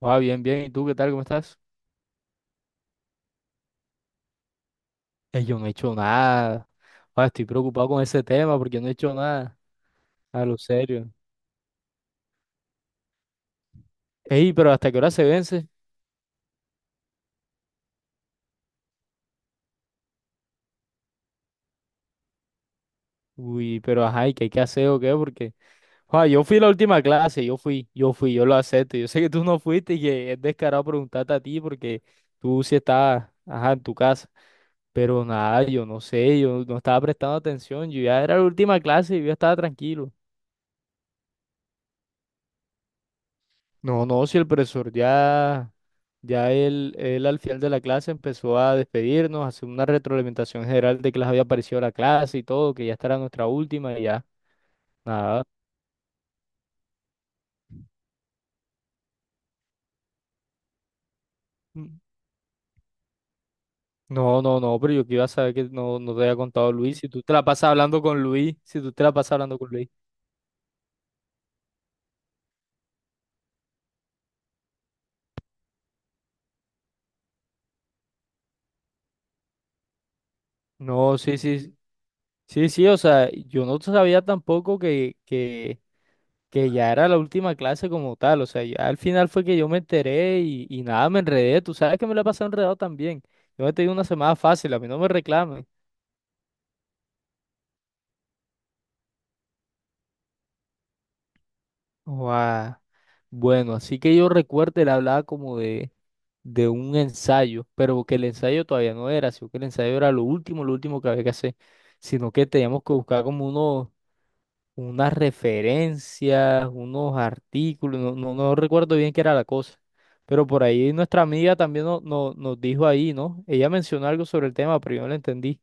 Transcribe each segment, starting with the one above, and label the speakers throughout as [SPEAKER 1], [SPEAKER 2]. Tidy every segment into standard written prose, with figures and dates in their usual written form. [SPEAKER 1] Ah, bien, bien. ¿Y tú qué tal? ¿Cómo estás? Yo no he hecho nada. Ah, estoy preocupado con ese tema porque no he hecho nada. A lo serio. Ey, pero ¿hasta qué hora se vence? Uy, pero ajá, ¿y qué hay que hacer o qué? Porque, ah, yo fui la última clase, yo fui, yo lo acepto. Yo sé que tú no fuiste y que es descarado preguntarte a ti porque tú sí estabas, ajá, en tu casa. Pero nada, yo no sé, yo no estaba prestando atención. Yo ya era la última clase y yo ya estaba tranquilo. No, no, si el profesor ya. Ya él al final de la clase empezó a despedirnos, a hacer una retroalimentación general de que les había parecido la clase y todo, que ya esta era nuestra última y ya, nada. Mm. No, no, no, pero yo que iba a saber que no te había contado Luis, si tú te la pasas hablando con Luis, si tú te la pasas hablando con Luis. No, sí, sí, sí, sí, o sea, yo no sabía tampoco que ya era la última clase como tal, o sea, ya al final fue que yo me enteré y nada, me enredé, tú sabes que me la he pasado enredado también. Yo me he tenido una semana fácil, a mí no me reclamen. Guau. Bueno, así que yo recuerdo, él hablaba como de un ensayo, pero que el ensayo todavía no era, sino que el ensayo era lo último que había que hacer, sino que teníamos que buscar como unas referencias, unos artículos, no recuerdo bien qué era la cosa, pero por ahí nuestra amiga también nos dijo ahí, ¿no? Ella mencionó algo sobre el tema, pero yo no lo entendí.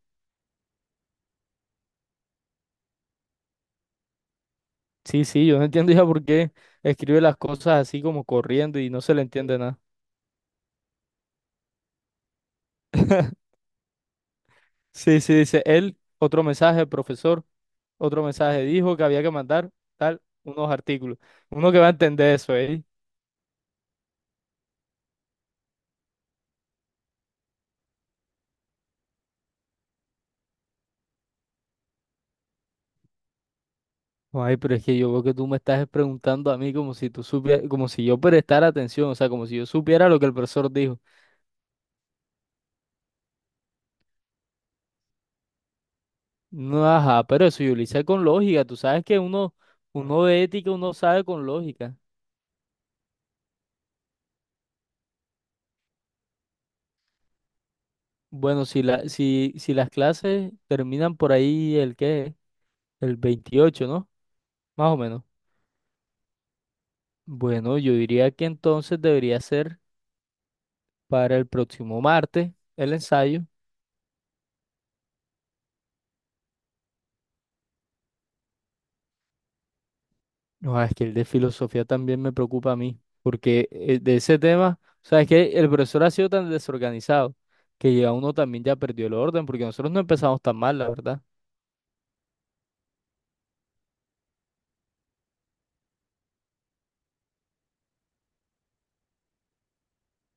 [SPEAKER 1] Sí, sí, yo no entiendo ya por qué escribe las cosas así como corriendo y no se le entiende nada. Sí, sí, dice él, otro mensaje, profesor, otro mensaje, dijo que había que mandar tal, unos artículos. Uno que va a entender eso, ¿eh? Ay, pero es que yo veo que tú me estás preguntando a mí como si tú supieras, como si yo prestara atención, o sea, como si yo supiera lo que el profesor dijo. No, ajá, pero eso yo lo hice con lógica, tú sabes que uno de ética, uno sabe con lógica. Bueno, si si las clases terminan por ahí el qué, el 28, ¿no? Más o menos. Bueno, yo diría que entonces debería ser para el próximo martes el ensayo. No, es que el de filosofía también me preocupa a mí, porque de ese tema, o sea, es que el profesor ha sido tan desorganizado que ya uno también ya perdió el orden, porque nosotros no empezamos tan mal, la verdad.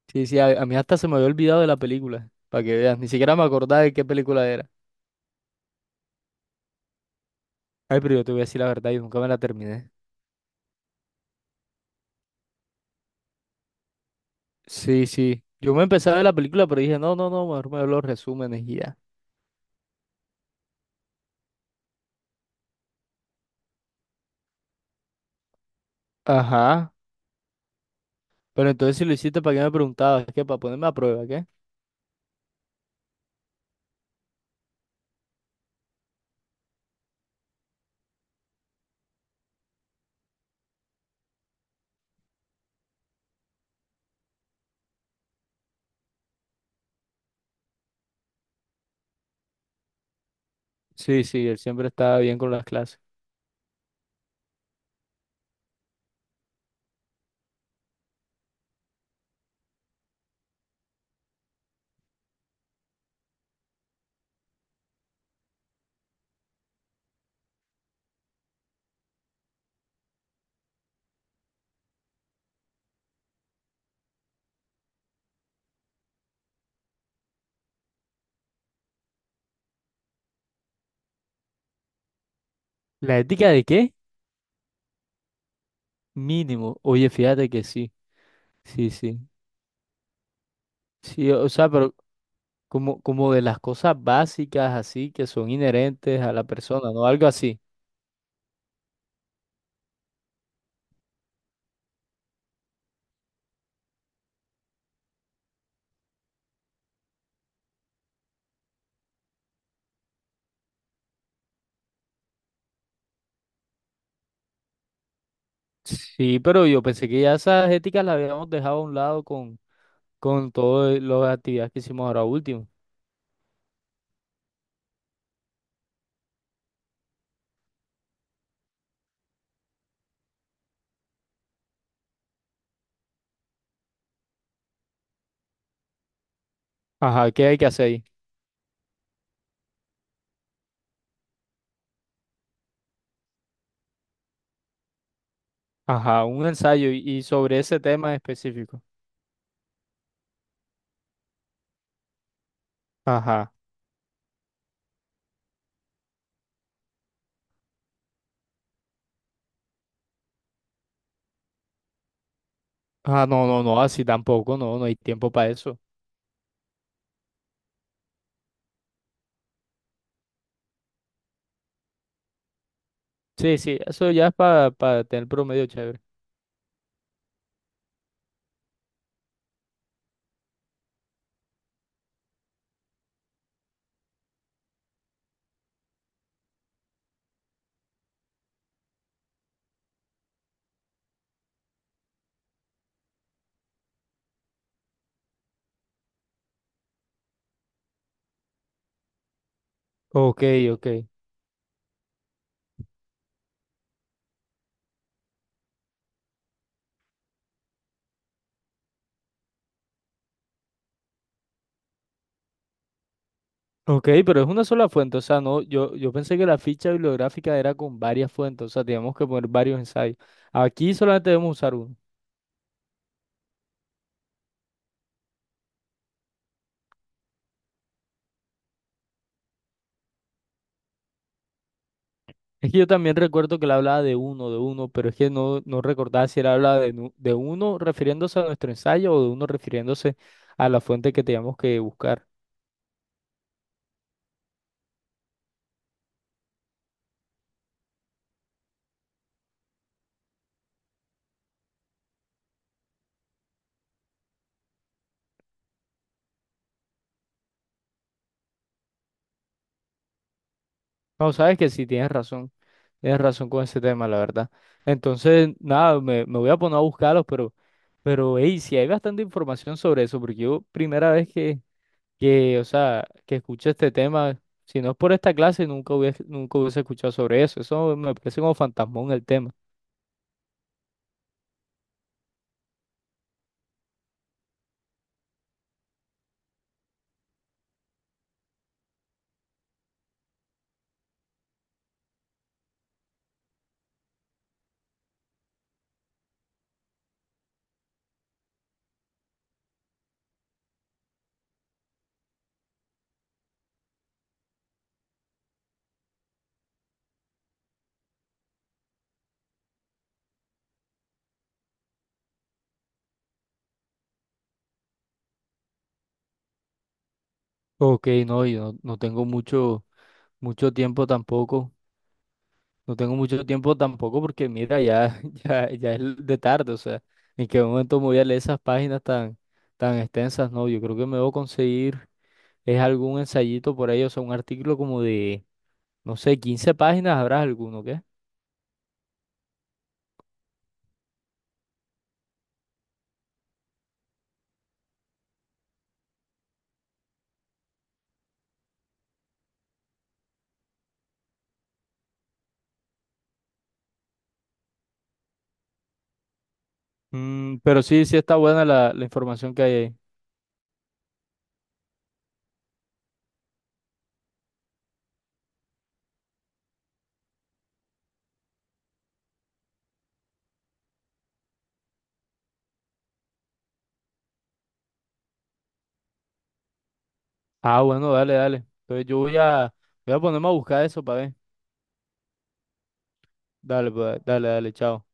[SPEAKER 1] Sí, sí, a mí hasta se me había olvidado de la película, para que veas, ni siquiera me acordaba de qué película era. Ay, pero yo te voy a decir la verdad, yo nunca me la terminé. Sí, sí. Yo me empecé a ver la película, pero dije, no, no, no, mejor me veo los resúmenes y ya. Ajá. Pero entonces si lo hiciste, ¿para qué me preguntabas? ¿Es que para ponerme a prueba, qué? Sí, sí, él siempre estaba bien con las clases. ¿La ética de qué? Mínimo. Oye, fíjate que sí. Sí, sí. Sí, o sea, pero como de las cosas básicas así que son inherentes a la persona, ¿no? Algo así. Sí, pero yo pensé que ya esas éticas las habíamos dejado a un lado con todas las actividades que hicimos ahora último. Ajá, ¿qué hay que hacer ahí? Ajá, un ensayo y sobre ese tema específico. Ajá. Ah, no, no, no, así tampoco, no, no hay tiempo para eso. Sí, sí, eso ya es para tener promedio chévere. Ok, ok. Ok, pero es una sola fuente, o sea, no, yo pensé que la ficha bibliográfica era con varias fuentes, o sea, teníamos que poner varios ensayos. Aquí solamente debemos usar uno. Es que yo también recuerdo que él hablaba de uno, pero es que no recordaba si él hablaba de, de uno refiriéndose a nuestro ensayo o de uno refiriéndose a la fuente que teníamos que buscar. No, sabes que sí, tienes razón. Tienes razón con ese tema, la verdad. Entonces, nada, me voy a poner a buscarlos, pero, hey, sí hay bastante información sobre eso, porque yo primera vez o sea, que escuché este tema, si no es por esta clase, nunca hubiese escuchado sobre eso. Eso me parece como fantasmón el tema. Ok, no, yo no, no tengo mucho, mucho tiempo tampoco No tengo mucho tiempo tampoco porque mira, ya, ya, ya es de tarde, o sea, en qué momento me voy a leer esas páginas tan extensas, no, yo creo que me debo conseguir, es algún ensayito por ahí, o sea, un artículo como de, no sé, 15 páginas, habrá alguno, ¿qué? Mm, pero sí, sí está buena la información que hay ahí. Ah, bueno, dale, dale. Entonces voy a ponerme a buscar eso para ver. Dale, pues, dale, dale, chao.